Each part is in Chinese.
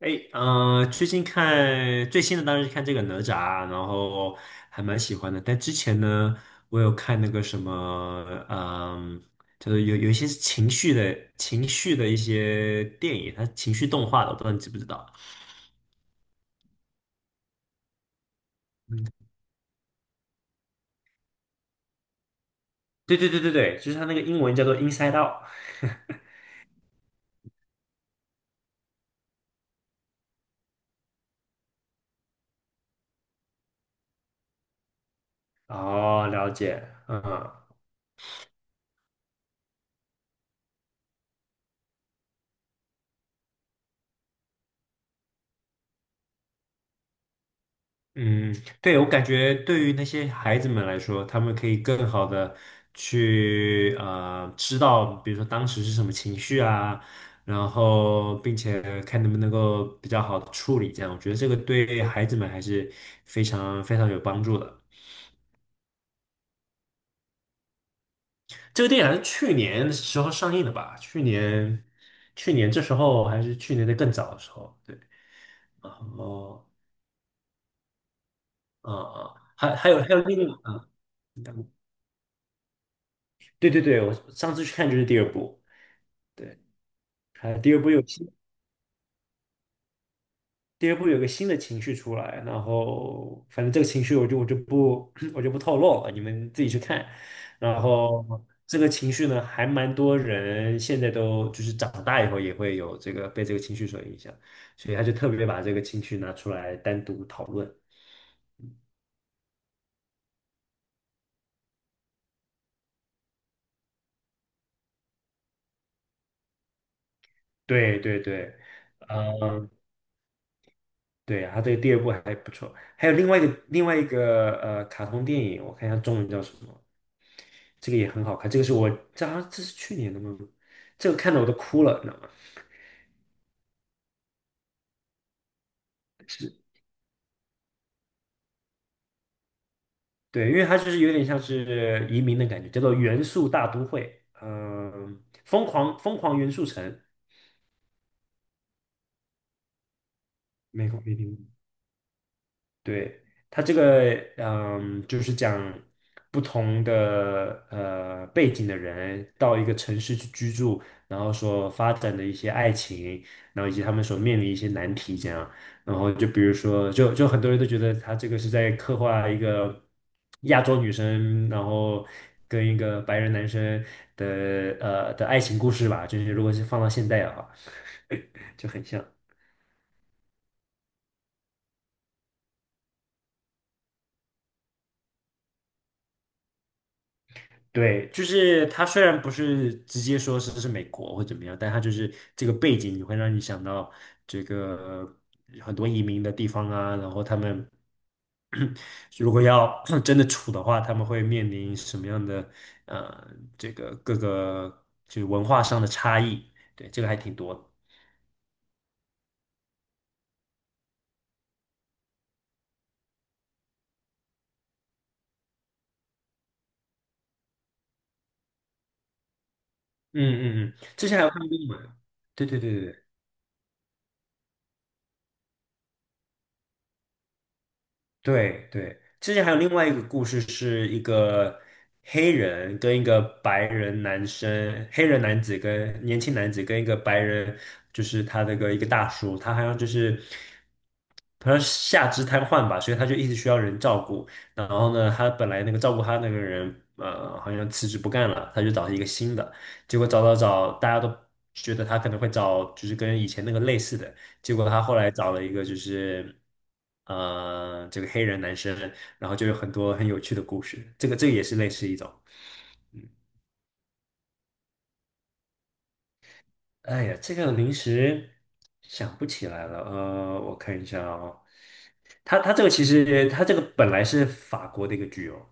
哎，最近看最新的当然是看这个哪吒，然后还蛮喜欢的。但之前呢，我有看那个什么，就是有一些是情绪的一些电影，它情绪动画的，我不知道你知不知道？对对对对对，就是它那个英文叫做《Inside Out》。哦，了解，嗯。嗯，对，我感觉对于那些孩子们来说，他们可以更好的去知道，比如说当时是什么情绪啊，然后并且看能不能够比较好的处理这样，我觉得这个对孩子们还是非常非常有帮助的。这个电影好像去年的时候上映的吧？去年这时候还是去年的更早的时候，对，然后啊，还有另一个啊，对对对，我上次去看就是第二部。对。还第二部有新，第二部有个新的情绪出来，然后反正这个情绪我就我就不 我就不透露了，你们自己去看。然后这个情绪呢，还蛮多人现在都就是长大以后也会有这个被这个情绪所影响，所以他就特别把这个情绪拿出来单独讨论。对对对，嗯。对呀，他这个第二部还不错，还有另外一个卡通电影，我看一下中文叫什么，这个也很好看，这个是我这好像这是去年的吗？这个看的我都哭了，你知道吗？是，对，因为它就是有点像是移民的感觉，叫做《元素大都会》，疯狂元素城，美国移民。对，他这个，就是讲不同的背景的人到一个城市去居住，然后所发展的一些爱情，然后以及他们所面临一些难题，这样。然后就比如说，就很多人都觉得他这个是在刻画一个亚洲女生，然后跟一个白人男生的的爱情故事吧，就是如果是放到现在的话，就很像。对，就是他虽然不是直接说是美国或怎么样，但他就是这个背景，你会让你想到这个很多移民的地方啊，然后他们 如果要 真的处的话，他们会面临什么样的呃这个各个就是文化上的差异，对，这个还挺多的。嗯嗯嗯。之前还有看过英文，对对对对对。对对，之前还有另外一个故事，是一个黑人跟一个白人男生，黑人男子跟年轻男子跟一个白人，就是他那个一个大叔，他好像就是好像下肢瘫痪吧，所以他就一直需要人照顾。然后呢，他本来那个照顾他那个人，好像辞职不干了，他就找一个新的，结果找找找，大家都觉得他可能会找就是跟以前那个类似的。结果他后来找了一个就是，这个黑人男生，然后就有很多很有趣的故事。这个也是类似一种。哎呀，这个临时想不起来了。我看一下哦，他这个其实他这个本来是法国的一个剧哦，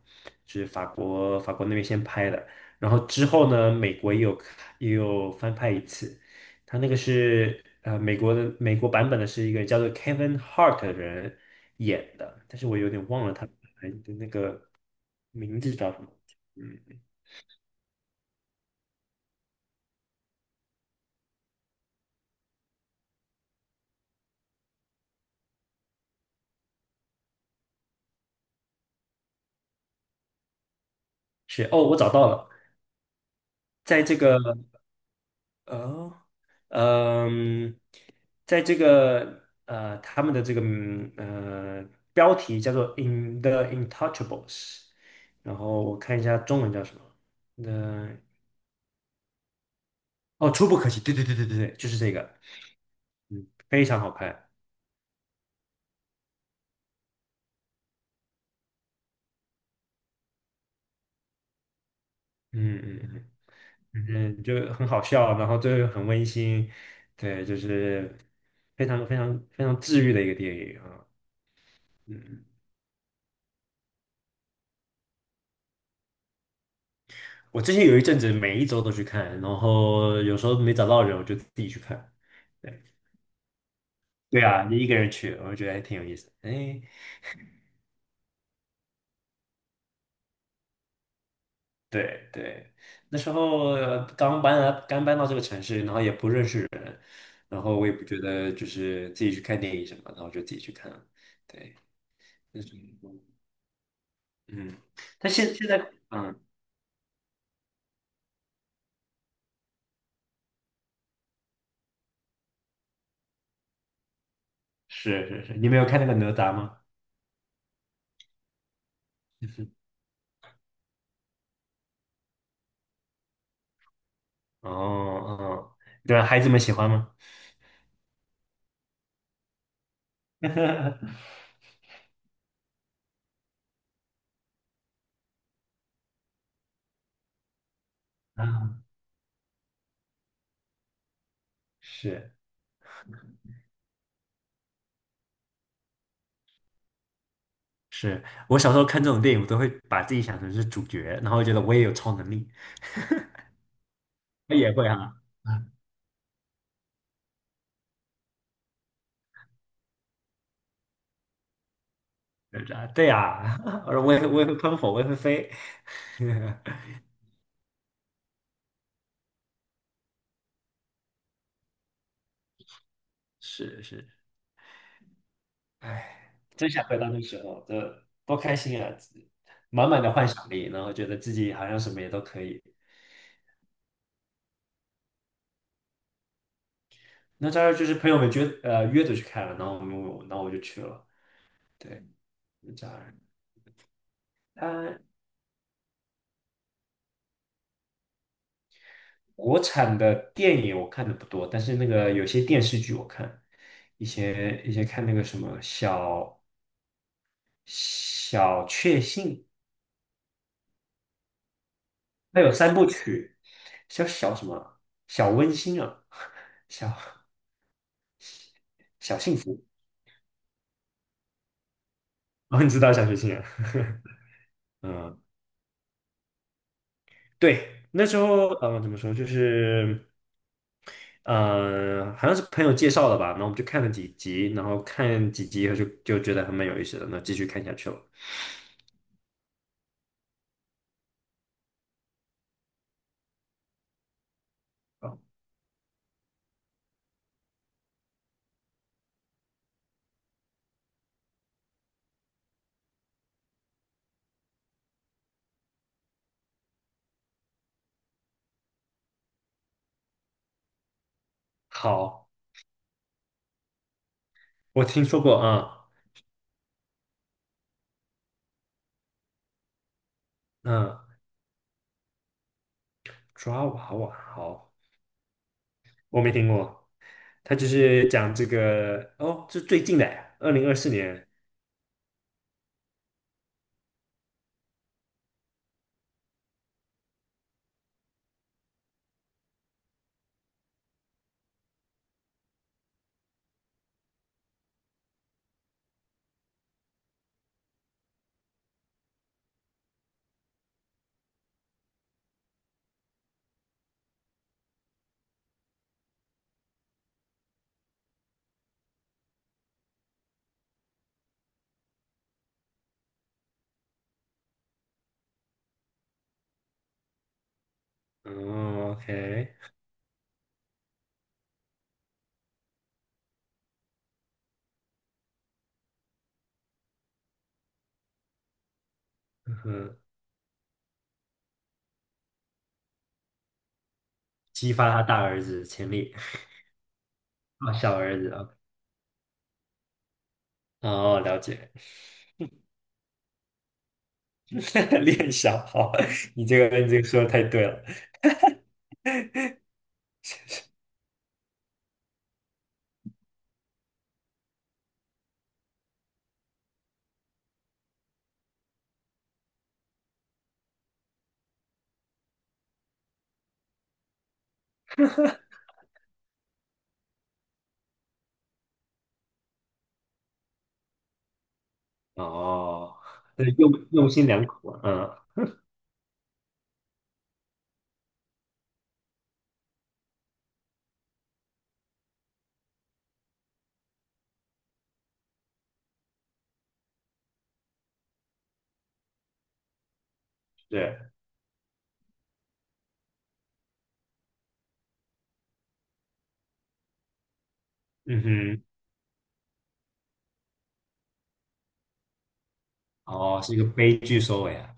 就是法国那边先拍的，然后之后呢，美国也有翻拍一次。他那个是美国版本的是一个叫做 Kevin Hart 的人演的，但是我有点忘了他本来的那个名字叫什么。嗯，是哦，我找到了，在这个呃。哦嗯，在这个呃，他们的这个标题叫做《In the Intouchables》，然后我看一下中文叫什么。那、哦，《触不可及》，对对对对对对，就是这个，嗯，非常好看，嗯嗯嗯，嗯，就很好笑，然后最后很温馨，对，就是非常非常非常治愈的一个电影啊，嗯。我之前有一阵子每一周都去看，然后有时候没找到人，我就自己去看。对对啊，你一个人去，我觉得还挺有意思。哎，对对，那时候刚搬来，刚搬到这个城市，然后也不认识人，然后我也不觉得就是自己去看电影什么，然后就自己去看了。对，那是。嗯，但现在嗯，是是是，你没有看那个哪吒吗？哦哦，对啊孩子们喜欢吗？啊，是。是我小时候看这种电影，我都会把自己想成是主角，然后觉得我也有超能力，我也会啊，对啊，对啊，我说我也会喷火，我也会飞，是是，哎，真想回到那时候，这多开心啊！满满的幻想力，然后觉得自己好像什么也都可以。那当然就是朋友们约着去看了，然后我们我然后我就去了，对，就这样。国产的电影我看的不多，但是那个有些电视剧我看，以前看那个什么小小确幸，它有三部曲，小什么小温馨啊，小小幸福，哦，你知道小确幸啊，嗯，对，那时候怎么说就是好像是朋友介绍的吧，然后我们就看了几集，然后看几集以后就觉得还蛮有意思的，那继续看下去了。哦好，我听说过啊。嗯，抓娃娃，好，我没听过。他就是讲这个，哦，是最近的，2024年。嗯，OK，嗯哼，激发他大儿子的潜力，啊，小儿子啊，哦，了解，练小，好，你这个说的太对了。哦，那用心良苦啊，嗯，对，嗯哼，哦，是一个悲剧收尾啊。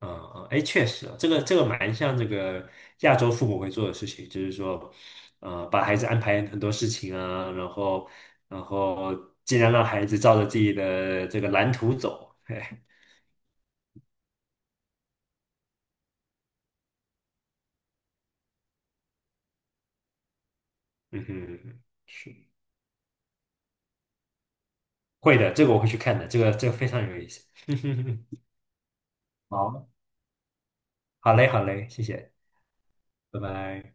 嗯嗯，哎，确实啊这个蛮像这个亚洲父母会做的事情，就是说，把孩子安排很多事情啊，然后尽量让孩子照着自己的这个蓝图走。嘿，嗯哼，是会的，这个我会去看的，这个非常有意思。好，好嘞，好嘞，谢谢，拜拜。